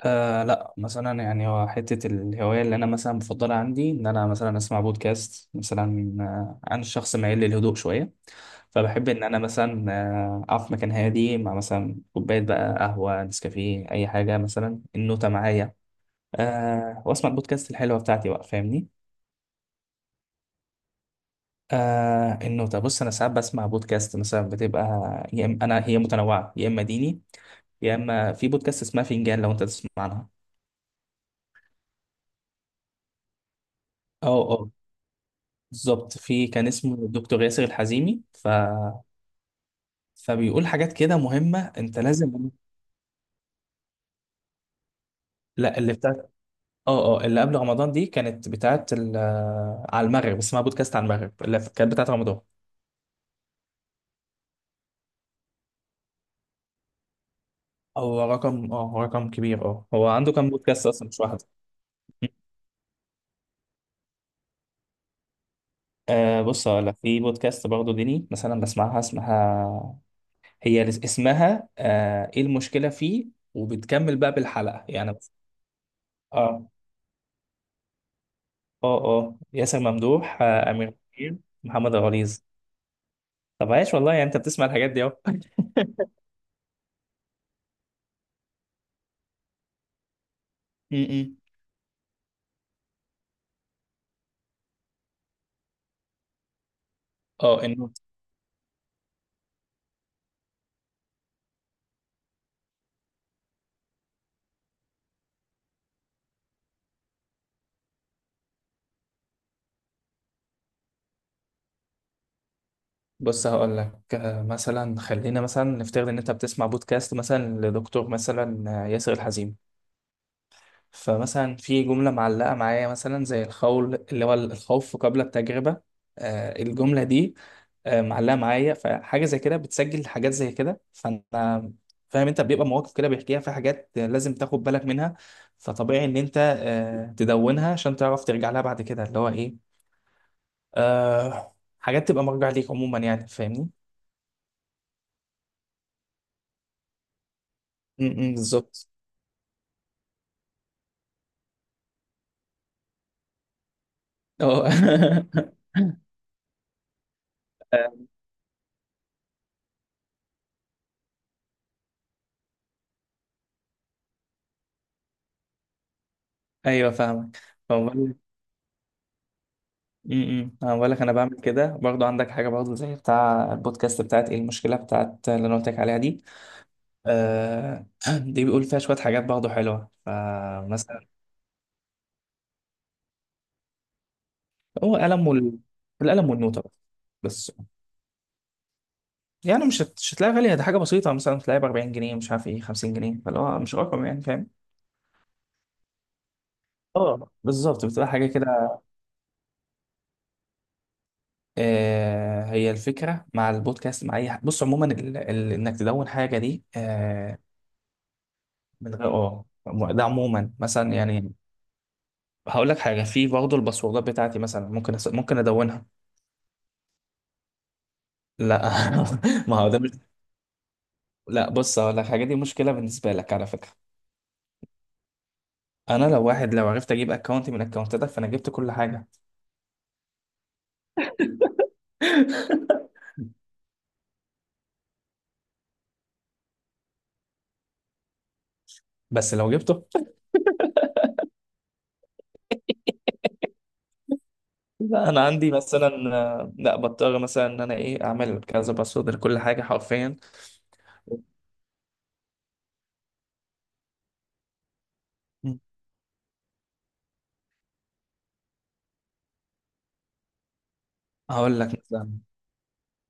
لا مثلا يعني هو حتة الهواية اللي أنا مثلا بفضلها عندي إن أنا مثلا أسمع بودكاست مثلا، عن الشخص مايل للهدوء شوية. فبحب إن أنا مثلا أقف في مكان هادي مع مثلا كوباية بقى قهوة نسكافيه أي حاجة، مثلا النوتة معايا، وأسمع البودكاست الحلوة بتاعتي بقى، فاهمني؟ النوتة، بص أنا ساعات بسمع بودكاست مثلا بتبقى يا إما أنا هي متنوعة يا إما ديني، يا إما في بودكاست اسمها فنجان لو أنت تسمع عنها. اه بالظبط، في كان اسمه دكتور ياسر الحزيمي ف... فبيقول حاجات كده مهمة انت لازم. لا اللي بتاعت، اه اللي قبل رمضان دي كانت بتاعت ال... على المغرب، اسمها بودكاست على المغرب اللي كانت بتاعت رمضان. هو رقم، هو رقم كبير، اه هو عنده كام بودكاست اصلا مش واحدة. بص هقول لك، في بودكاست برضه ديني مثلا بسمعها اسمها، اسمها ايه المشكلة فيه، وبتكمل بقى بالحلقة يعني. اه اه ياسر ممدوح، امير منير، محمد غليظ. طب عايش والله، يعني انت بتسمع الحاجات دي اهو. امم. اه بص هقول لك، مثلا خلينا مثلا نفترض ان انت بتسمع بودكاست مثلا لدكتور مثلا ياسر الحزيمي. فمثلا في جمله معلقه معايا مثلا زي الخول اللي هو الخوف قبل التجربه. الجمله دي معلقه معايا، فحاجه زي كده بتسجل حاجات زي كده. فانا فاهم انت بيبقى مواقف كده بيحكيها، في حاجات لازم تاخد بالك منها. فطبيعي ان انت تدونها عشان تعرف ترجع لها بعد كده، اللي هو ايه، حاجات تبقى مرجع ليك عموما يعني، فاهمني؟ م- م، بالظبط. اه آه، ايوه فاهمك. فبقول، امم، انا بقول لك انا بعمل كده برضو. عندك حاجه برضو زي بتاع البودكاست بتاعت ايه المشكله بتاعت اللي انا قلت لك عليها دي، آه دي بيقول فيها شوية حاجات برضه حلوة، فمثلا هو قلم وال... القلم والنوتة. بس يعني مش هتلاقي غالية، دي حاجة بسيطة مثلا تلاقي ب 40 جنيه مش عارف ايه 50 جنيه، فاللي هو مش رقم يعني، فاهم؟ اه بالظبط بتبقى حاجة كده. هي الفكرة مع البودكاست مع أي حاجة بص عموما، إنك تدون حاجة دي من غير، ده عموما مثلا يعني. هقول لك حاجة، في برضه الباسوردات بتاعتي مثلا ممكن ممكن أدونها. لا ما هو ده. لا بص هقول لك حاجه، دي مشكله بالنسبه لك على فكره. انا لو واحد، لو عرفت اجيب اكونت من اكونتاتك فانا جبت كل حاجه. بس لو جبته. لا انا عندي مثلا لا بضطر مثلا ان انا ايه اعمل كذا باسورد لكل حاجه حرفيا. مم. هقول لك مثلا،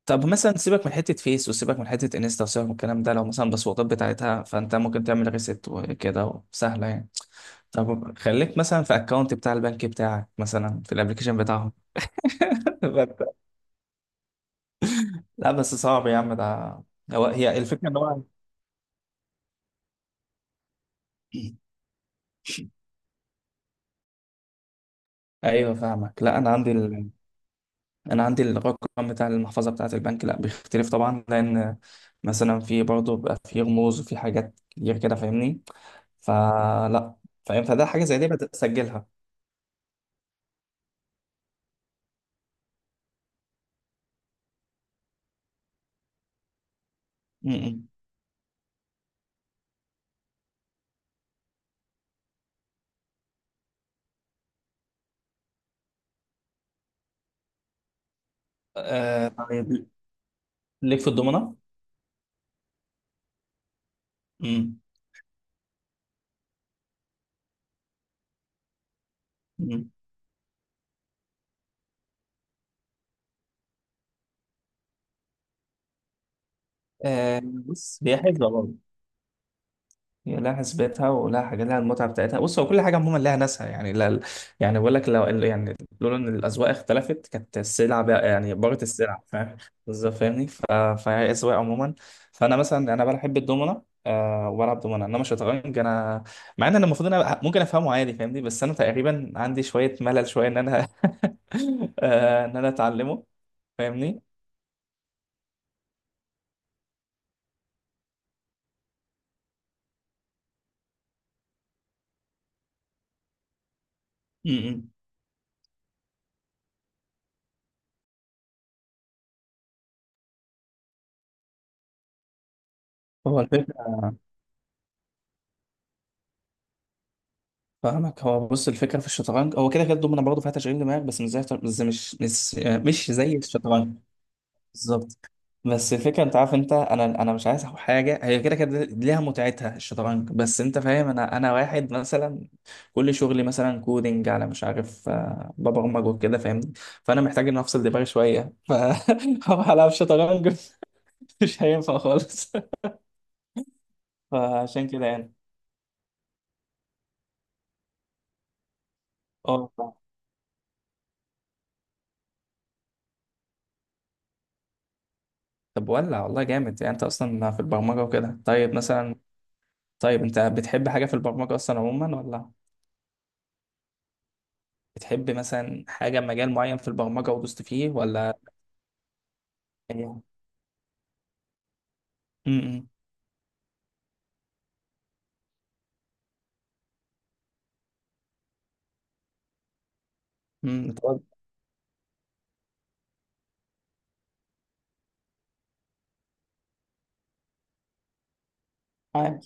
طب مثلا سيبك من حته فيس وسيبك من حته انستا وسيبك من الكلام ده، لو مثلا الباسوردات بتاعتها فانت ممكن تعمل ريست وكده، سهله يعني. طب خليك مثلا في اكونت بتاع البنك بتاعك مثلا في الابلكيشن بتاعهم. لا بس صعب يا عم ده. هي الفكرة ان هو ايوه فاهمك. لا انا عندي ال... انا عندي الرقم بتاع المحفظه بتاعه البنك، لا بيختلف طبعا لان مثلا في برضه بيبقى في رموز وفي حاجات كتير كده، فاهمني؟ فلا، فاهم، فده حاجه زي دي بتسجلها. امم. آه طيب، ليك في الضمنه؟ امم. آه بص، هي حلوه، هي لها حسبتها ولها حاجة، لها المتعة بتاعتها. بص هو كل حاجة عموما لها ناسها يعني، لا يعني بقول لك، لو يعني لولا إن الأذواق اختلفت كانت السلع بقى يعني بارت السلع، فاهم؟ بالظذات فاهمني، ف- فهي أذواق عموما. فأنا مثلا بحب الدومنة أه وبلعب دومنة، إنما الشطرنج مع إن أنا المفروض ممكن أفهمه عادي، فاهمني؟ بس أنا تقريبا عندي شوية ملل، شوية إن أنا إن أنا أتعلمه، فاهمني؟ م- م. هو الفكرة فاهمك. هو بص الفكره في الشطرنج، هو كده كده الدومنه برضه فيها تشغيل دماغ، بس مش مش زي الشطرنج. بالظبط. بس الفكره، انت عارف، انت انا مش عايز حاجه هي كده كده ليها متعتها الشطرنج، بس انت فاهم، انا واحد مثلا كل شغلي مثلا كودينج على مش عارف، ببرمج وكده فاهمني؟ فانا محتاج ان افصل دماغي شويه، فهروح العب شطرنج. مش هينفع خالص. فعشان كده يعني. اه طب ولع والله جامد، يعني انت اصلا في البرمجه وكده. طيب مثلا، طيب انت بتحب حاجة في البرمجة اصلا عموما، ولا بتحب مثلا حاجة مجال معين في البرمجة ودوست فيه ولا ايه؟ امم. امم. انت آه.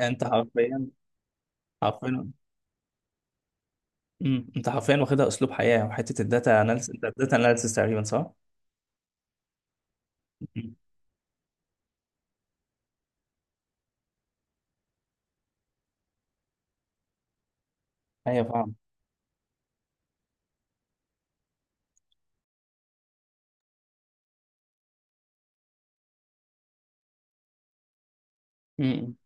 انت حرفيا، حرفيا، امم، انت حرفيا واخدها اسلوب حياة. وحتة الداتا اناليسيس، انت الداتا اناليسيس تقريبا، صح؟ مم. ايوه فاهم. امم.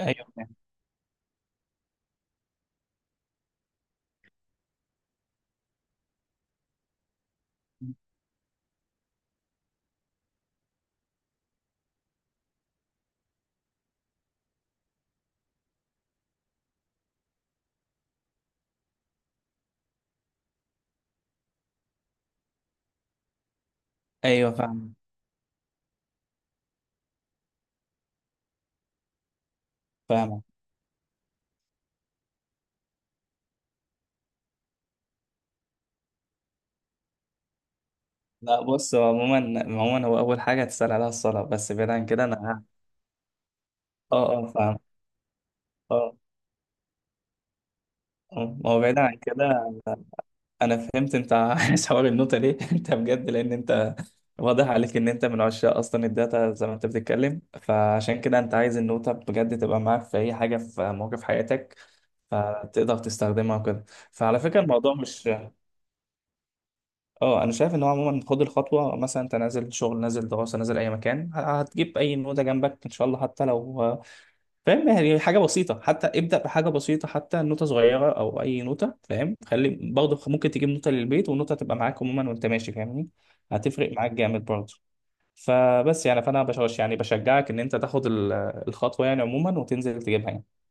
ايوه فاهم. ايوه فاهم. فاهم. لا بص هو عموما، عموما هو اول حاجة هتسأل عليها الصلاة، بس بعيد عن كده انا، اه اه فاهم، اه اه ما هو بعيد عن كده. انا فهمت انت عايز حوار النوتة ليه انت بجد، لان انت واضح عليك ان انت من عشاق اصلا الداتا، زي ما انت بتتكلم، فعشان كده انت عايز النوتة بجد تبقى معاك في اي حاجة في موقف حياتك، فتقدر تستخدمها وكده. فعلى فكرة الموضوع مش، اه انا شايف ان هو عموما خد الخطوة مثلا، انت نازل شغل نازل دراسة نازل اي مكان، هتجيب اي نوتة جنبك ان شاء الله، حتى لو، فاهم يعني حاجة بسيطة، حتى ابدأ بحاجة بسيطة، حتى نوتة صغيرة أو أي نوتة، فاهم؟ خلي برضه ممكن تجيب نوتة للبيت ونوتة تبقى معاك عموما وأنت ماشي، فاهمني؟ هتفرق معاك جامد برضه. فبس يعني، فأنا بشجع يعني بشجعك إن أنت تاخد ال- الخطوة يعني عموما وتنزل تجيبها يعني.